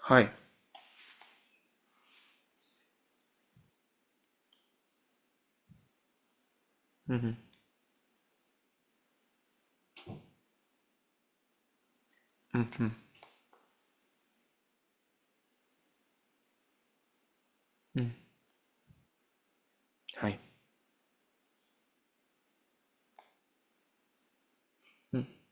はい。うんうん。うん、うん。はい。うん。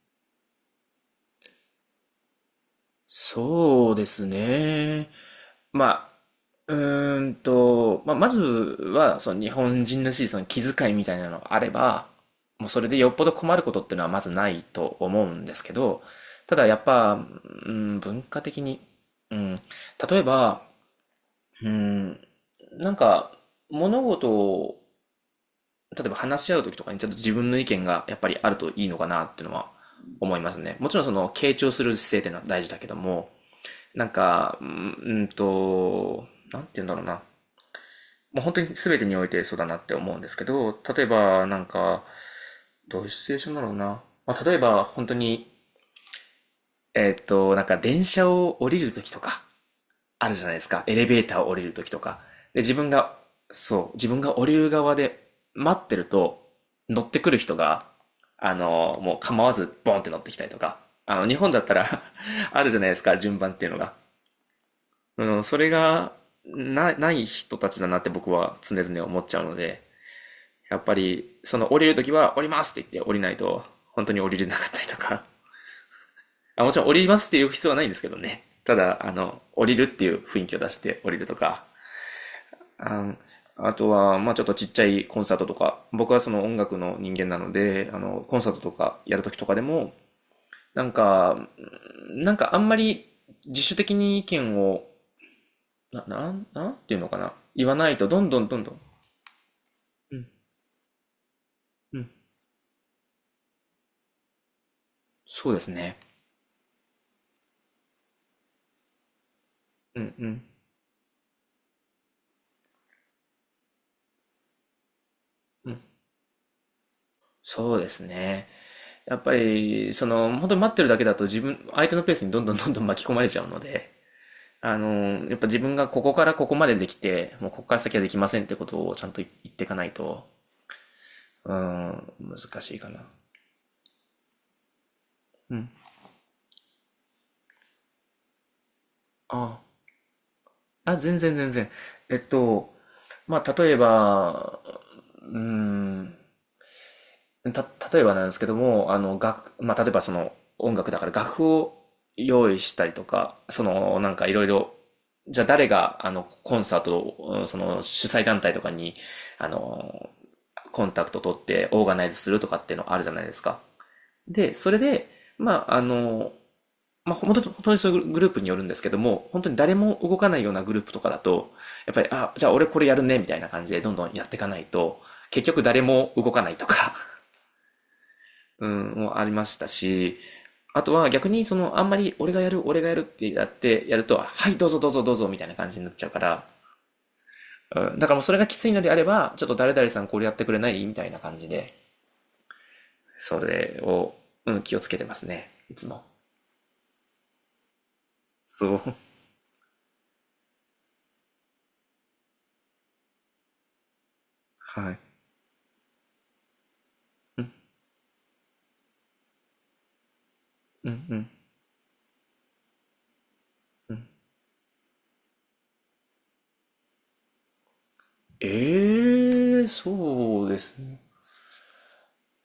そうですね。まあ、まあ、まずは、その日本人らしいその気遣いみたいなのがあれば、もうそれでよっぽど困ることっていうのはまずないと思うんですけど、ただやっぱ、うん、文化的に、うん、例えば、うん、なんか物事を例えば話し合う時とかにちょっと自分の意見がやっぱりあるといいのかなっていうのは思いますね。もちろんその傾聴する姿勢っていうのは大事だけども、なんか、うんうんと、なんて言うんだろうな。もう本当に全てにおいてそうだなって思うんですけど、例えばなんか、どういうシチュエーションだろうな。まあ、例えば本当に、なんか電車を降りる時とか、あるじゃないですか。エレベーターを降りるときとか。で、自分が、そう、自分が降りる側で待ってると、乗ってくる人が、あの、もう構わずボンって乗ってきたりとか。あの、日本だったら あるじゃないですか、順番っていうのが。うん、それが、ない人たちだなって僕は常々思っちゃうので、やっぱり、その降りるときは降りますって言って降りないと、本当に降りれなかったりとか。あ、もちろん降りますって言う必要はないんですけどね。ただ、あの、降りるっていう雰囲気を出して降りるとか、ああとは、まあちょっとちっちゃいコンサートとか、僕はその音楽の人間なので、あの、コンサートとかやるときとかでも、なんか、なんかあんまり自主的に意見を、なんていうのかな。言わないと、どんどんどんどん。うん、うん。そうですね。うん、うん、うん。そうですね。やっぱり、その、本当に待ってるだけだと自分、相手のペースにどんどんどんどん巻き込まれちゃうので、あのやっぱ自分がここからここまでできて、もうここから先はできませんってことをちゃんと言っていかないと、うーん、難しいかな。うん。ああ、全然全然。えっと、まあ、うーん、た、例えばなんですけども、あの、まあ、例えばその音楽だから楽譜を用意したりとか、その、なんかいろいろ、じゃあ誰が、あの、コンサートを、うんその、主催団体とかに、あの、コンタクト取ってオーガナイズするとかっていうのあるじゃないですか。で、それで、まあ、あの、まあ、本当に、本当にそういうグループによるんですけども、本当に誰も動かないようなグループとかだと、やっぱり、あ、じゃあ俺これやるね、みたいな感じでどんどんやっていかないと、結局誰も動かないとか、うん、もありましたし、あとは逆にそのあんまり俺がやる、俺がやるってやってやると、はいどうぞどうぞどうぞみたいな感じになっちゃうから、うん、だからもうそれがきついのであれば、ちょっと誰々さんこれやってくれないみたいな感じで、それを、うん、気をつけてますね。いつも。そう。はい。うんうん。ええー、そうですね。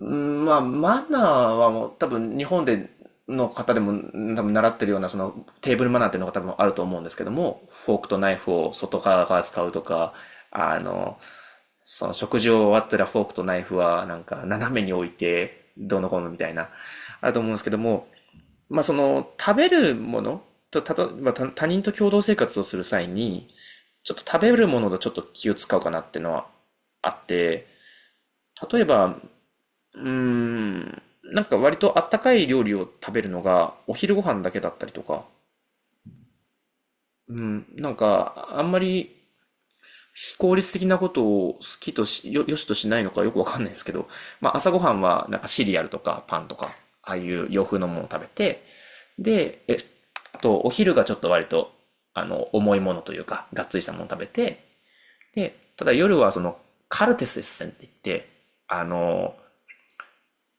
うん、まあ、マナーはもう多分日本での方でも多分習ってるようなそのテーブルマナーっていうのが多分あると思うんですけども、フォークとナイフを外側から使うとか、あの、その食事を終わったらフォークとナイフはなんか斜めに置いてどうのこうのみたいな、あると思うんですけども、まあその食べるものと、まあ、他人と共同生活をする際に、ちょっと食べるものとちょっと気を使うかなっていうのはあって、例えばうーん。なんか割とあったかい料理を食べるのがお昼ご飯だけだったりとか。うん。なんかあんまり非効率的なことを好きとし、よ、よしとしないのかよくわかんないですけど、まあ朝ごはんはなんかシリアルとかパンとか、ああいう洋風のものを食べて、で、あとお昼がちょっと割とあの重いものというか、がっつりしたものを食べて、で、ただ夜はそのカルテスエッセンって言って、あの、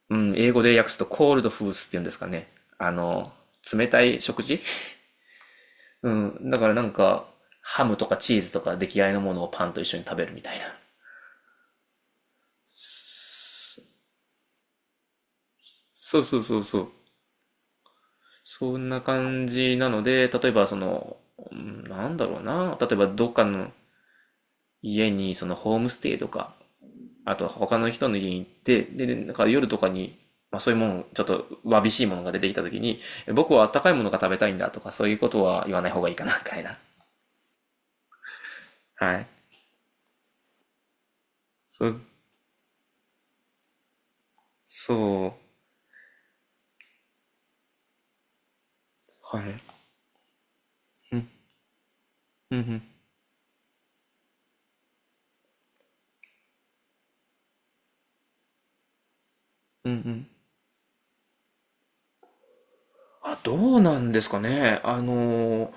うん、英語で訳すとコールドフースっていうんですかね。あの、冷たい食事、うん。だからなんか、ハムとかチーズとか出来合いのものをパンと一緒に食べるみたいな。そうそうそうそう。そんな感じなので、例えばその、うんなんだろうな。例えばどっかの家にそのホームステイとか、あとは他の人の家に行って、で、なんか夜とかに、まあそういうもの、ちょっとわびしいものが出てきた時に、僕はあったかいものが食べたいんだとか、そういうことは言わない方がいいかな、みたいな。はい。そう、そう。はい。うん、うんうん、うんうん。あ、どうなんですかね。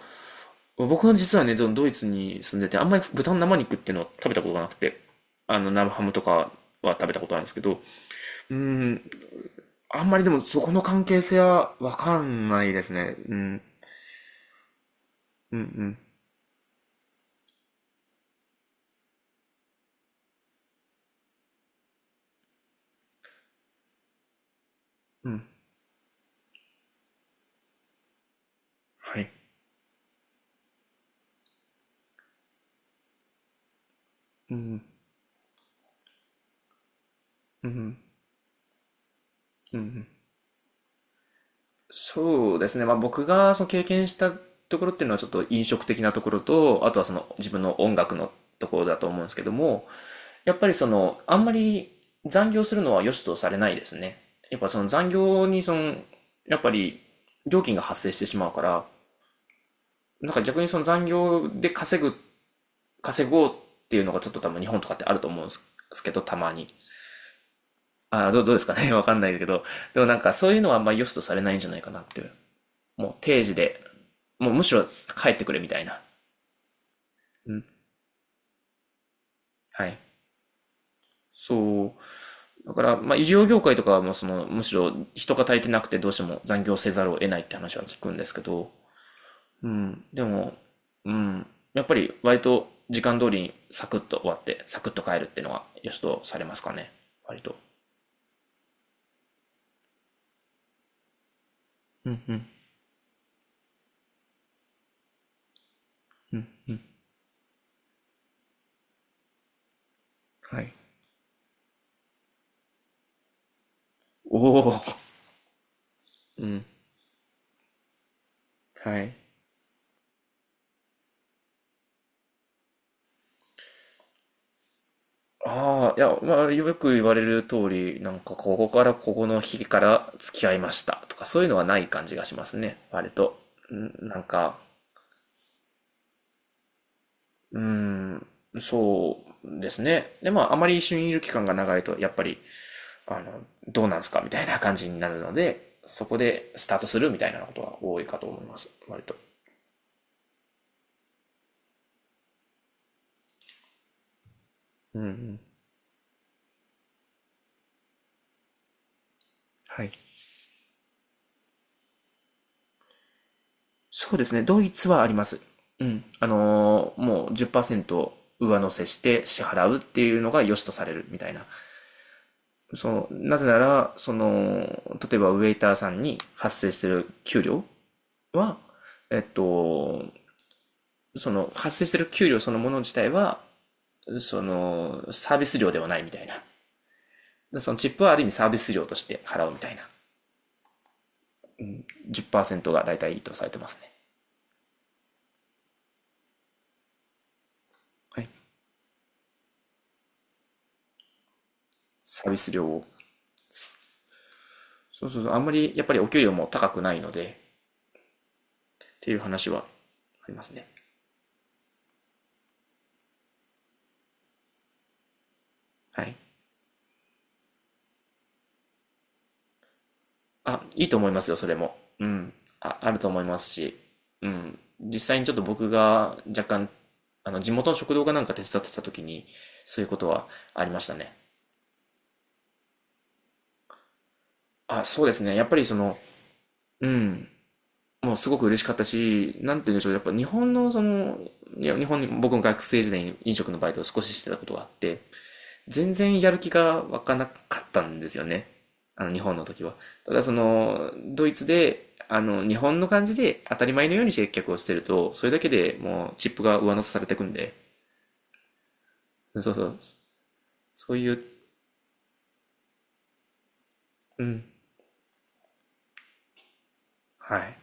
僕は実はね、ドイツに住んでて、あんまり豚の生肉っていうのを食べたことがなくて、あの、生ハムとかは食べたことなんですけど、うん、あんまりでもそこの関係性はわかんないですね。うん、うん、うん、うん。はい。うん、うん、うん、うん。そうですね。まあ僕がその経験したところっていうのはちょっと飲食的なところと、あとはその自分の音楽のところだと思うんですけども、やっぱりその、あんまり残業するのは良しとされないですね。やっぱその残業にその、やっぱり料金が発生してしまうから、なんか逆にその残業で稼ぐ、稼ごうっていうのがちょっと多分日本とかってあると思うんですけど、たまに。ああ、どうですかね わかんないですけど。でもなんかそういうのはあんまり良しとされないんじゃないかなっていう。もう定時で、もうむしろ帰ってくれみたいな。うん。はい。そうだから、まあ、医療業界とかはもうその、むしろ人が足りてなくてどうしても残業せざるを得ないって話は聞くんですけど、うん、でも、うん、やっぱり割と時間通りにサクッと終わって、サクッと帰るっていうのは良しとされますかね、割と。はい。おお、うん、はい。ああ、いや、まあ、よく言われる通り、なんか、ここからここの日から付き合いましたとか、そういうのはない感じがしますね、割と。うんなんか、うん、そうですね。で、まあ、あまり一緒にいる期間が長いと、やっぱり、あの、どうなんすかみたいな感じになるので、そこでスタートするみたいなことは多いかと思います。割と。はい。そうですね。ドイツはあります。うん。もう10%上乗せして支払うっていうのが良しとされるみたいな。その、なぜなら、その、例えばウェイターさんに発生してる給料は、えっと、その発生してる給料そのもの自体は、その、サービス料ではないみたいな。でそのチップはある意味サービス料として払うみたいな。10%が大体いいとされてますね。はい。サービス料を。そうそうそう。あんまりやっぱりお給料も高くないので、っていう話はありますね。はい。あ、いいと思いますよ、それも。うん。あ、あると思いますし。うん。実際にちょっと僕が若干、あの、地元の食堂かなんか手伝ってた時に、そういうことはありましたね。あ、そうですね。やっぱりその、うん、もうすごく嬉しかったし、なんて言うんでしょう、やっぱ日本のその、いや、日本に、僕も学生時代に飲食のバイトを少ししてたことがあって、全然やる気が湧かなかったんですよね。あの、日本の時は。ただその、ドイツで、あの、日本の感じで当たり前のように接客をしてると、それだけでもうチップが上乗せされてくんで、そうそう、そういう、うん、はい。